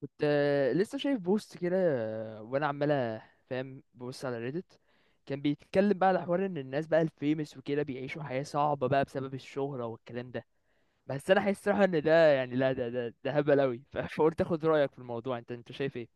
كنت لسه شايف بوست كده. وانا عمال فاهم ببص على ريدت. كان بيتكلم بقى على حوار ان الناس بقى الفيمس وكده بيعيشوا حياة صعبة بقى بسبب الشهرة والكلام ده. بس انا حاسس صراحة ان ده يعني لا ده هبل اوي. فقلت اخد رأيك في الموضوع، انت شايف ايه؟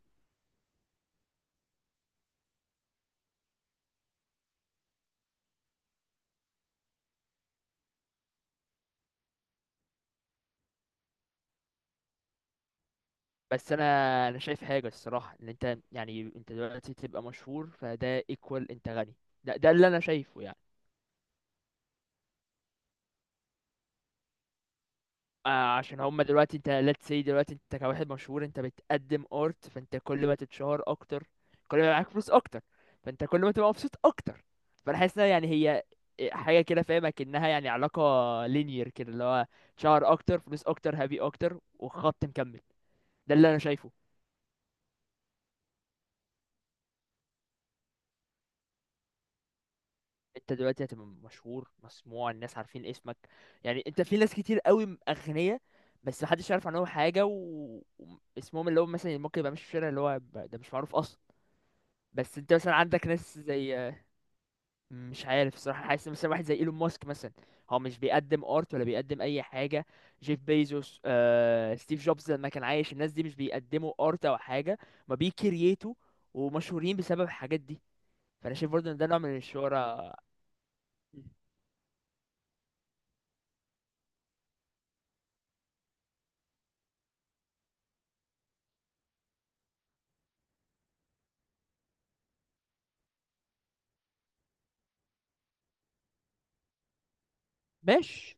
بس انا شايف حاجة الصراحة، ان انت يعني انت دلوقتي تبقى مشهور فده ايكوال انت غني. ده اللي انا شايفه يعني. آه عشان هما دلوقتي انت، let's say دلوقتي انت كواحد مشهور انت بتقدم art، فانت كل ما تتشهر اكتر، كل ما يبقى معاك فلوس اكتر، فانت كل ما تبقى مبسوط اكتر. فانا حاسس انها يعني هي حاجة كده، فاهمة، كأنها يعني علاقة linear كده، اللي هو شهر اكتر، فلوس اكتر، هابي اكتر، وخط مكمل. ده اللي انا شايفه. انت دلوقتي هتبقى مشهور، مسموع، الناس عارفين اسمك. يعني انت في ناس كتير قوي اغنياء بس محدش يعرف عنهم حاجة واسمهم، اللي هو مثلا ممكن يبقى ماشي في الشارع اللي هو ده مش معروف اصلا. بس انت مثلا عندك ناس زي، مش عارف الصراحه، حاسس مثلا واحد زي ايلون ماسك مثلا، هو مش بيقدم ارت ولا بيقدم اي حاجه. جيف بيزوس، ستيف جوبز لما كان عايش، الناس دي مش بيقدموا ارت او حاجه، ما بيكرييتوا، ومشهورين بسبب الحاجات دي. فانا شايف برضه ان ده نوع من الشهره. ماشي.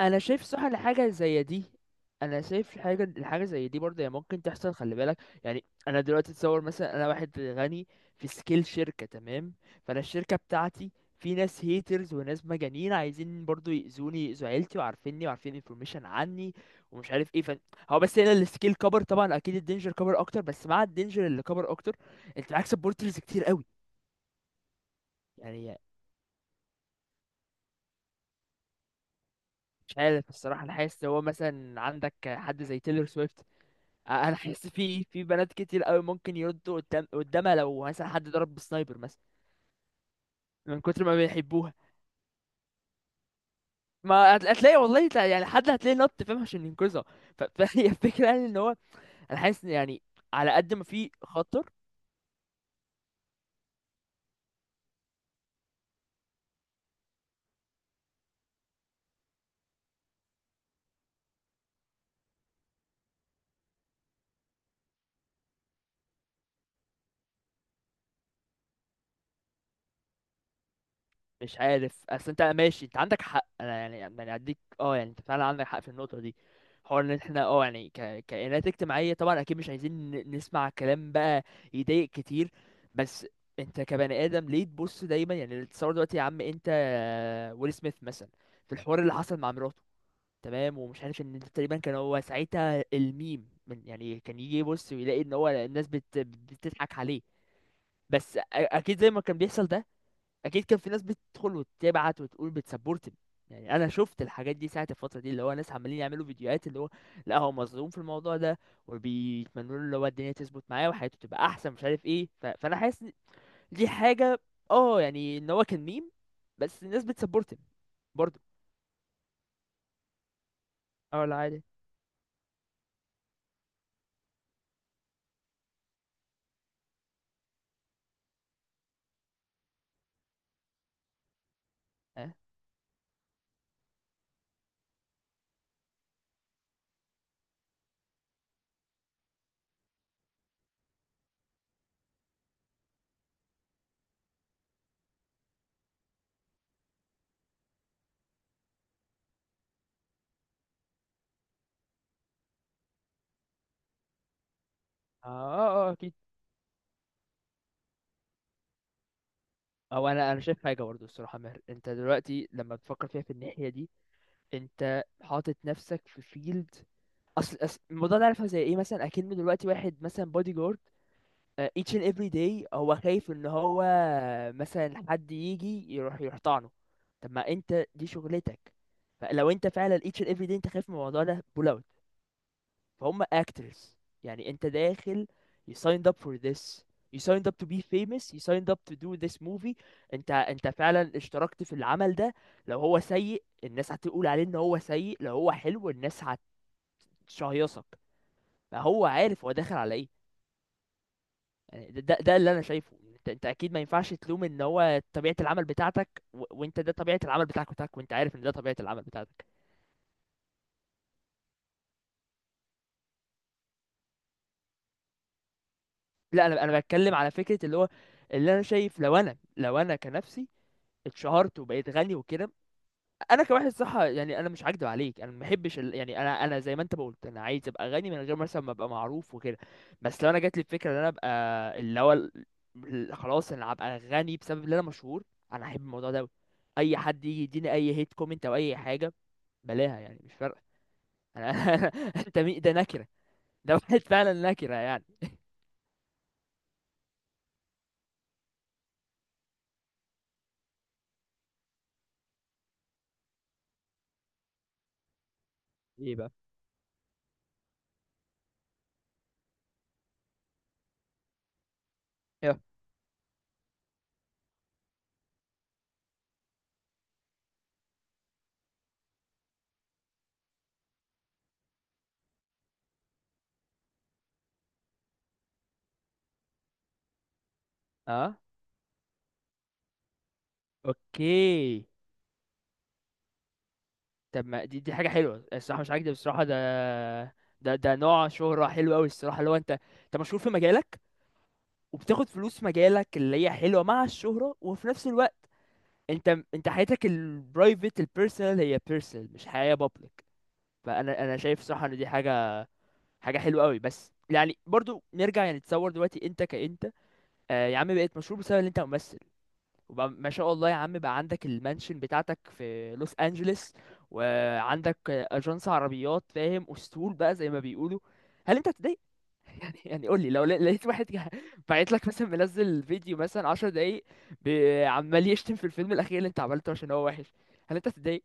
انا شايف صح لحاجه زي دي. انا شايف الحاجه زي دي برضه هي ممكن تحصل، خلي بالك، يعني انا دلوقتي اتصور مثلا انا واحد غني، في سكيل شركه تمام، فانا الشركه بتاعتي، في ناس هيترز وناس مجانين عايزين برضه يأذوني، يأذوا عيلتي وعارفيني وعارفين انفورميشن عني ومش عارف ايه فن. هو بس هنا السكيل كبر، طبعا اكيد الدينجر كبر اكتر، بس مع الدينجر اللي كبر اكتر انت معاك سبورترز كتير قوي. يعني مش عارف الصراحه، انا حاسس إن هو مثلا عندك حد زي تيلر سويفت، انا حاسس في بنات كتير قوي ممكن يردوا قدام قدامها لو مثلا حد ضرب بالسنايبر مثلا من كتر ما بيحبوها. ما هتلاقي والله، يعني حد هتلاقي نط، فاهم، عشان ينقذها. فهي الفكره، يعني ان هو انا حاسس إن يعني على قد ما في خطر. مش عارف، اصل انت ماشي انت عندك حق، انا يعني اديك، يعني انت فعلا عندك حق في النقطه دي. حوار ان احنا يعني كائنات اجتماعيه، طبعا اكيد مش عايزين نسمع كلام بقى يضايق كتير. بس انت كبني ادم ليه تبص دايما؟ يعني تصور دلوقتي يا عم انت، ويل سميث مثلا، في الحوار اللي حصل مع مراته، تمام؟ ومش عارف ان تقريبا كان هو ساعتها الميم، من يعني كان يجي يبص ويلاقي ان هو الناس بتضحك عليه. بس اكيد زي ما كان بيحصل ده، اكيد كان في ناس بتدخل وتبعت وتقول بتسبورت. يعني انا شفت الحاجات دي ساعه الفتره دي، اللي هو ناس عمالين يعملوا فيديوهات، اللي هو لا هو مظلوم في الموضوع ده، وبيتمنوا له اللي هو الدنيا تظبط معاه وحياته تبقى احسن مش عارف ايه. فانا حاسس إن دي حاجه، اه يعني ان هو كان ميم بس الناس بتسبورت. برضه اه، لا عادي. اه، اه، اه، آه، اكيد. او انا شايف حاجه برضه الصراحه ماهر، انت دلوقتي لما بتفكر فيها في الناحيه دي، انت حاطط نفسك في فيلد. اصل أصل الموضوع ده عارفه زي ايه؟ مثلا اكنه دلوقتي واحد مثلا بودي جارد، each and every day هو خايف ان هو مثلا حد يجي يروح يحتضنه. طب ما انت دي شغلتك. فلو انت فعلا each and every day انت خايف من الموضوع ده، pull out. فهم actors، يعني انت داخل، you signed up for this، you signed up to be famous، you signed up to do this movie. انت فعلا اشتركت في العمل ده. لو هو سيء الناس هتقول عليه ان هو سيء، لو هو حلو الناس هتشهيصك. ما هو عارف هو داخل على ايه. يعني ده اللي انا شايفه. انت اكيد ما ينفعش تلوم، ان هو طبيعه العمل بتاعتك وانت ده طبيعه العمل بتاعك، وانت عارف ان ده طبيعه العمل بتاعتك. لا انا بتكلم على فكره، اللي هو اللي انا شايف، لو انا كنفسي اتشهرت وبقيت غني وكده. انا كواحد، صح؟ يعني انا مش هكدب عليك، انا ما بحبش يعني انا زي ما انت ما قلت، انا عايز ابقى غني من غير مثلا ما ابقى معروف وكده. بس لو انا جات لي الفكره ان انا ابقى، اللي هو خلاص انا هبقى غني بسبب ان انا مشهور، انا احب الموضوع ده أوي. اي حد يجي يديني اي هيت كومنت او اي حاجه، بلاها، يعني مش فارقه. انا انت مين ده؟ نكره. ده واحد فعلا نكره يعني. ايه بقى؟ يا. اه، اوكي. طب ما دي حاجة حلوة الصراحة، مش عاجبني بصراحة ده. ده نوع شهرة حلو أوي الصراحة، اللي هو أنت مشهور في مجالك وبتاخد فلوس في مجالك، اللي هي حلوة مع الشهرة، وفي نفس الوقت أنت أنت حياتك البرايفت البيرسونال هي بيرسونال، مش حياة بابليك. فأنا شايف صراحة إن دي حاجة حلوة أوي. بس يعني برضو نرجع، يعني تصور دلوقتي أنت كأنت، يا عم بقيت مشهور بسبب إن أنت ممثل، وبقى ما شاء الله يا عم بقى عندك المانشن بتاعتك في لوس انجلوس، وعندك اجنس عربيات فاهم، اسطول بقى زي ما بيقولوا. هل انت هتضايق؟ يعني قول لي، لو لقيت واحد بعت لك مثلا منزل فيديو مثلا 10 دقايق عمال يشتم في الفيلم الاخير اللي انت عملته عشان هو وحش، هل انت هتضايق؟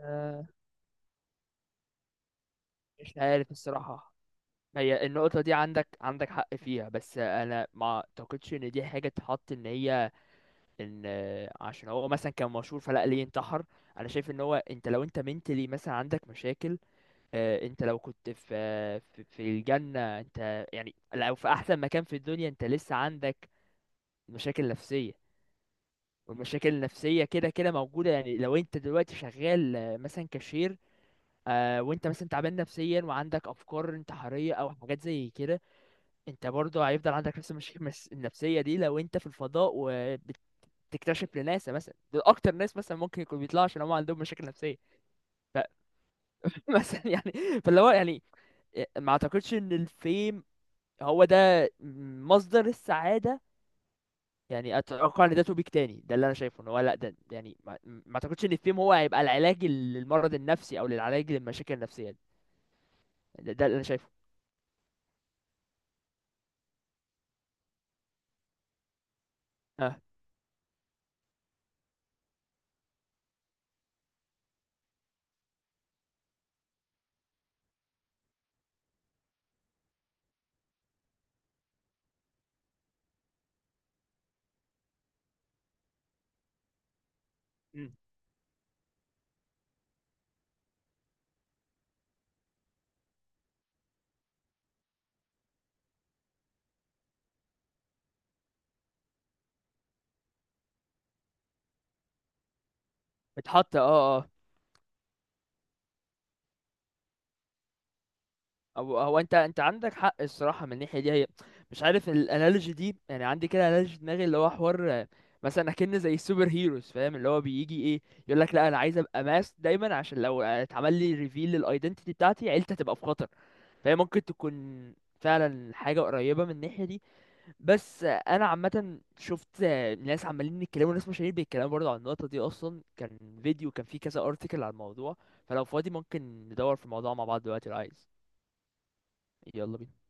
آه، مش عارف الصراحة. هي النقطة دي عندك حق فيها، بس أنا ما أعتقدش إن دي حاجة تحط إن هي، ان عشان هو مثلا كان مشهور فلا ليه انتحر. انا شايف ان هو، انت لو انت منتلي مثلا عندك مشاكل، انت لو كنت في في الجنة، انت يعني لو في احسن مكان في الدنيا انت لسه عندك مشاكل نفسية، والمشاكل النفسية كده كده موجودة. يعني لو انت دلوقتي شغال مثلا كاشير، وانت مثلا تعبان نفسيا وعندك افكار انتحارية او حاجات زي كده، انت برضه هيفضل عندك نفس المشاكل النفسية دي. لو انت في الفضاء تكتشف لناس مثلا، دول اكتر ناس مثلا ممكن يكون بيطلعوا عشان هم عندهم مشاكل نفسيه. فمثلا يعني، فاللي هو يعني ما اعتقدش ان الفيم هو ده مصدر السعاده. يعني اتوقع ان ده توبيك تاني. ده اللي انا شايفه، ان هو لا، ده يعني ما اعتقدش ان الفيم هو هيبقى العلاج للمرض النفسي او للعلاج للمشاكل النفسيه دي. يعني ده اللي انا شايفه. اه، مم. بتحط اه. هو انت عندك حق الصراحه من الناحيه دي، هي مش عارف الانالوجي دي، يعني عندي كده انالوجي في دماغي، اللي هو حوار، مثلا اكن زي السوبر هيروز، فاهم؟ اللي هو بيجي ايه، يقول لك لا انا عايز ابقى ماس دايما عشان لو اتعمل لي ريفيل للايدنتيتي بتاعتي عيلتي هتبقى في خطر. فهي ممكن تكون فعلا حاجه قريبه من الناحيه دي. بس انا عامه شفت ناس عمالين يتكلموا، ناس مشاهير بيتكلموا برضه عن النقطه دي، اصلا كان فيديو كان فيه كذا ارتكل على الموضوع. فلو فاضي ممكن ندور في الموضوع مع بعض دلوقتي لو عايز. يلا بينا.